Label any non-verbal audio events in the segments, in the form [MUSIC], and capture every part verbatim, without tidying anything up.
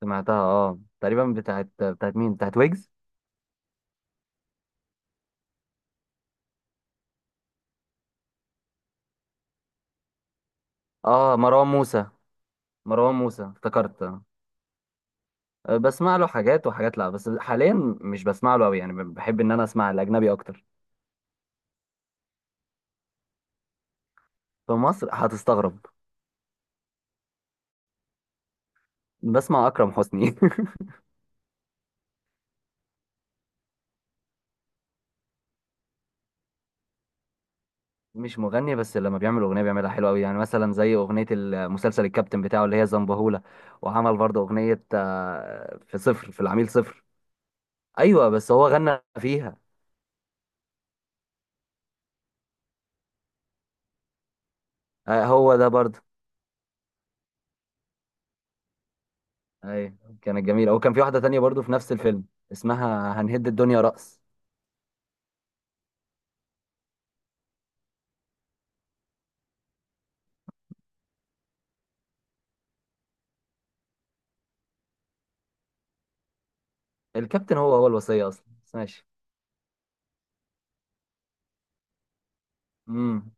سمعتها، اه، تقريبا بتاعت بتاعت مين؟ بتاعت ويجز. اه، مروان موسى. مروان موسى افتكرت. آه، بسمع له حاجات وحاجات. لا، بس حاليا مش بسمع له قوي، يعني بحب ان انا اسمع الاجنبي اكتر. في مصر هتستغرب. بسمع اكرم حسني [LAUGHS] مش مغني، بس لما بيعمل اغنيه بيعملها حلوه قوي، يعني مثلا زي اغنيه المسلسل الكابتن بتاعه اللي هي زنبهولة. وعمل برضه اغنيه، آه، في صفر في العميل صفر. ايوه بس هو غنى فيها. آه، هو ده برضه. اي. كانت جميله، وكان في واحده تانية برضو في نفس الفيلم. اسمها هنهد الدنيا رأس. الكابتن هو هو الوصيه اصلا، بس ماشي. امم.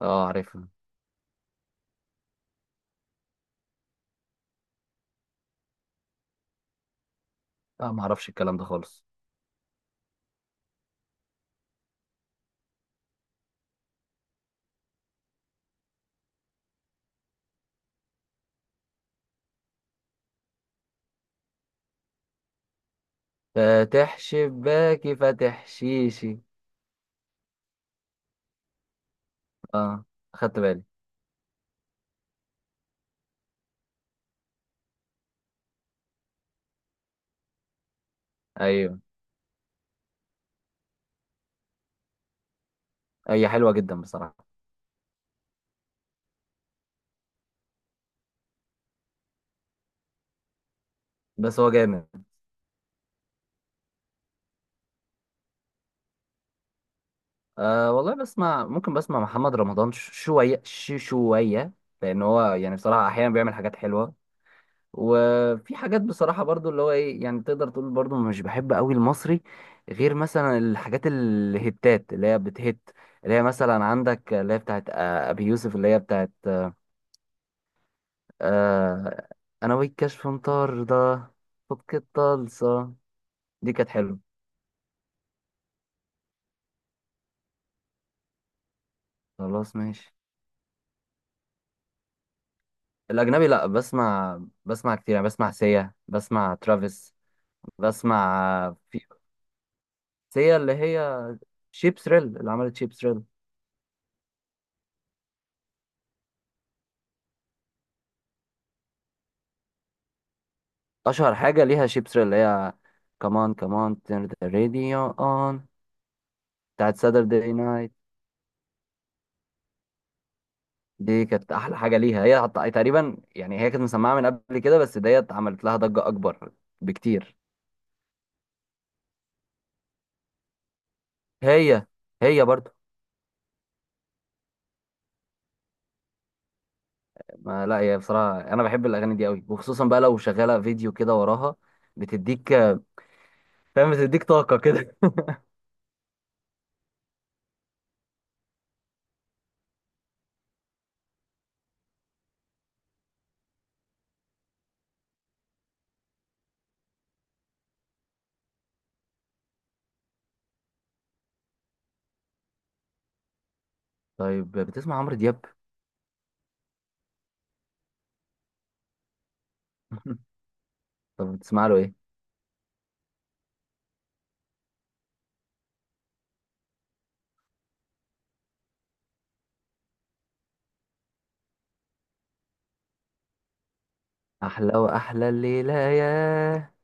اه، عارفها. لا، ما اعرفش الكلام ده خالص. فاتح شباكي فاتح شيشي. اه، خدت بالي. ايوه. هي حلوه جدا بصراحه. بس هو جامد. آه والله، بسمع، ممكن بسمع محمد رمضان ش- شويه ش- شويه، لان هو يعني بصراحه احيانا بيعمل حاجات حلوه. وفي حاجات بصراحة برضو اللي هو ايه يعني، تقدر تقول برضو مش بحب قوي المصري، غير مثلا الحاجات الهتات اللي هي بتهت. اللي هي مثلا عندك اللي هي بتاعت، آه، ابي يوسف، اللي هي بتاعت، آه، انا والكشف مطار ده، فك الطلسة. دي كانت حلوة. خلاص، ماشي. الاجنبي، لا بسمع بسمع كتير، يعني بسمع سيا، بسمع ترافيس، بسمع في. سيا اللي هي شيب ثريل، اللي عملت شيب ثريل. اشهر حاجه ليها شيبس اللي هي كمان كمان turn the radio on، بتاعت Saturday night. دي كانت احلى حاجه ليها، هي حط- تقريبا يعني هي كانت مسمعه من قبل كده، بس ديت عملت لها ضجه اكبر بكتير. هي. هي برضو. ما لا، هي بصراحه انا بحب الاغاني دي قوي، وخصوصا بقى لو شغاله فيديو كده وراها بتديك. [LAUGHS] فاهم، بتديك طاقه كده. طيب، بتسمع عمرو دياب؟ [LAUGHS] طب بتسمع له ايه؟ احلى واحلى الليله ياه.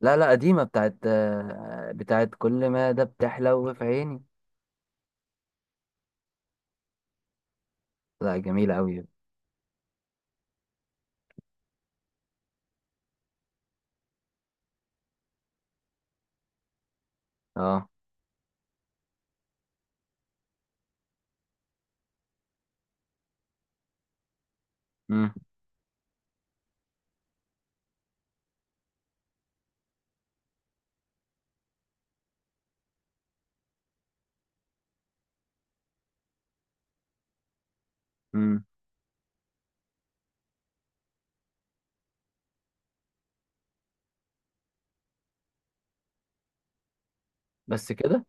لا لا، قديمة، بتاعت آه، بتاعت كل ما ده بتحلو في عيني. لا، جميلة أوي. اه. مم. مم. بس كده.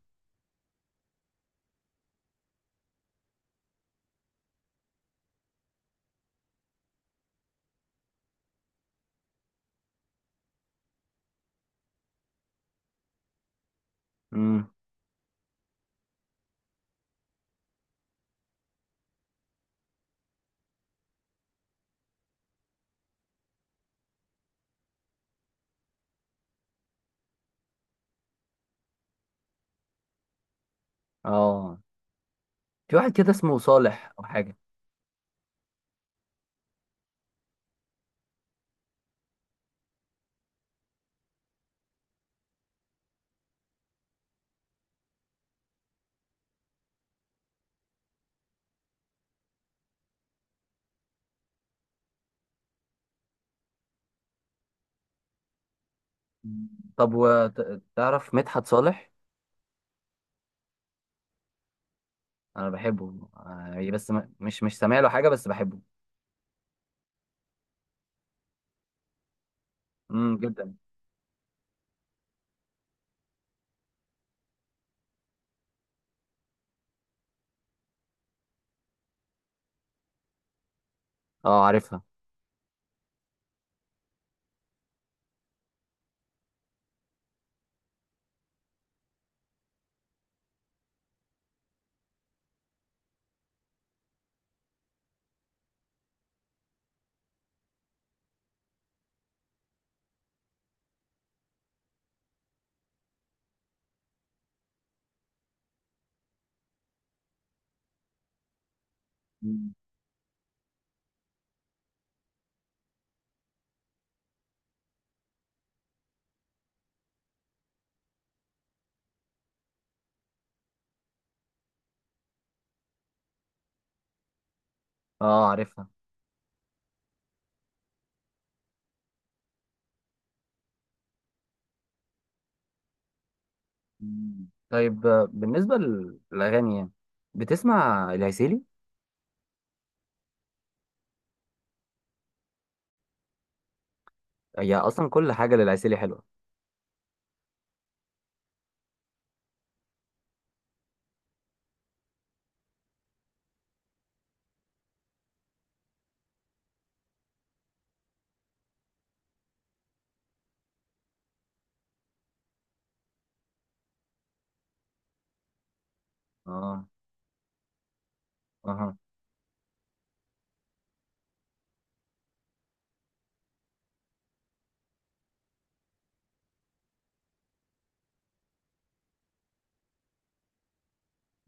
مم. اه. في واحد كده اسمه صالح أو حاجة. مم. طب، وتعرف مدحت صالح؟ أنا بحبه، آه، بس م- مش مش سامع له حاجة، بس بحبه. مم. جدا. اه، عارفها. مم. اه، عارفها. مم. طيب، آه، بالنسبة لل- للأغاني، يعني بتسمع العسيلي؟ هي أصلا كل حاجة للعسيلي حلوة. اه. اها.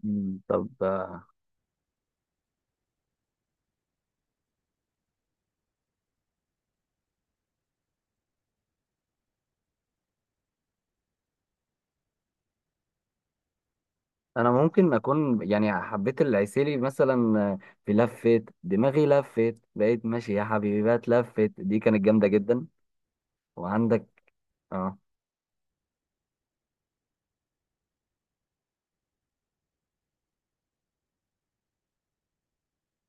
مم، طب، آه، انا ممكن اكون يعني حبيت العسيلي، مثلا آه، في لفت دماغي لفت، بقيت ماشي يا حبيبي، بقى اتلفت. دي كانت جامده جدا. وعندك. اه.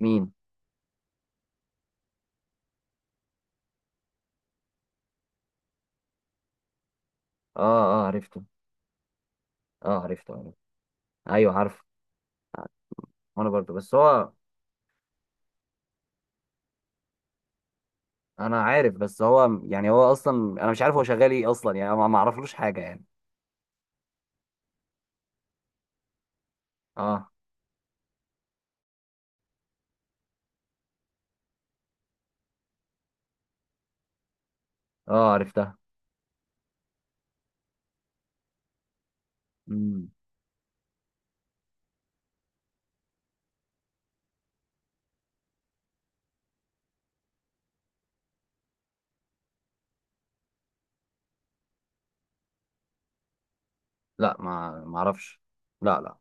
مين؟ اه، اه، عرفته. اه، عرفته، عرفته. ايوه، عارفه. وانا برضه، بس هو. انا عارف، بس هو يعني هو اصلا انا مش عارف هو شغال ايه اصلا، يعني أنا ما ما اعرفلوش حاجه يعني. اه. اه، عرفتها. مم. لا، ما ما اعرفش. لا لا.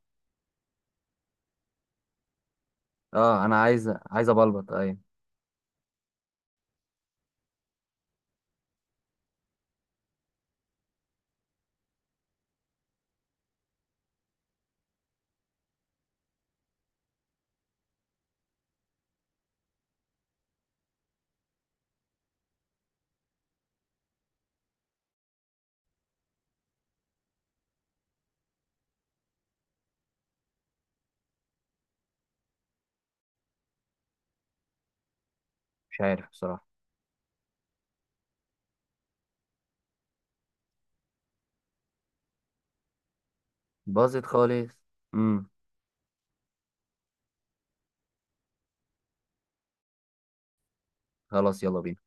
اه، انا عايز عايز ابلبط. ايوه. مش عارف بصراحه. باظت خالص. امم. خلاص، يلا بينا.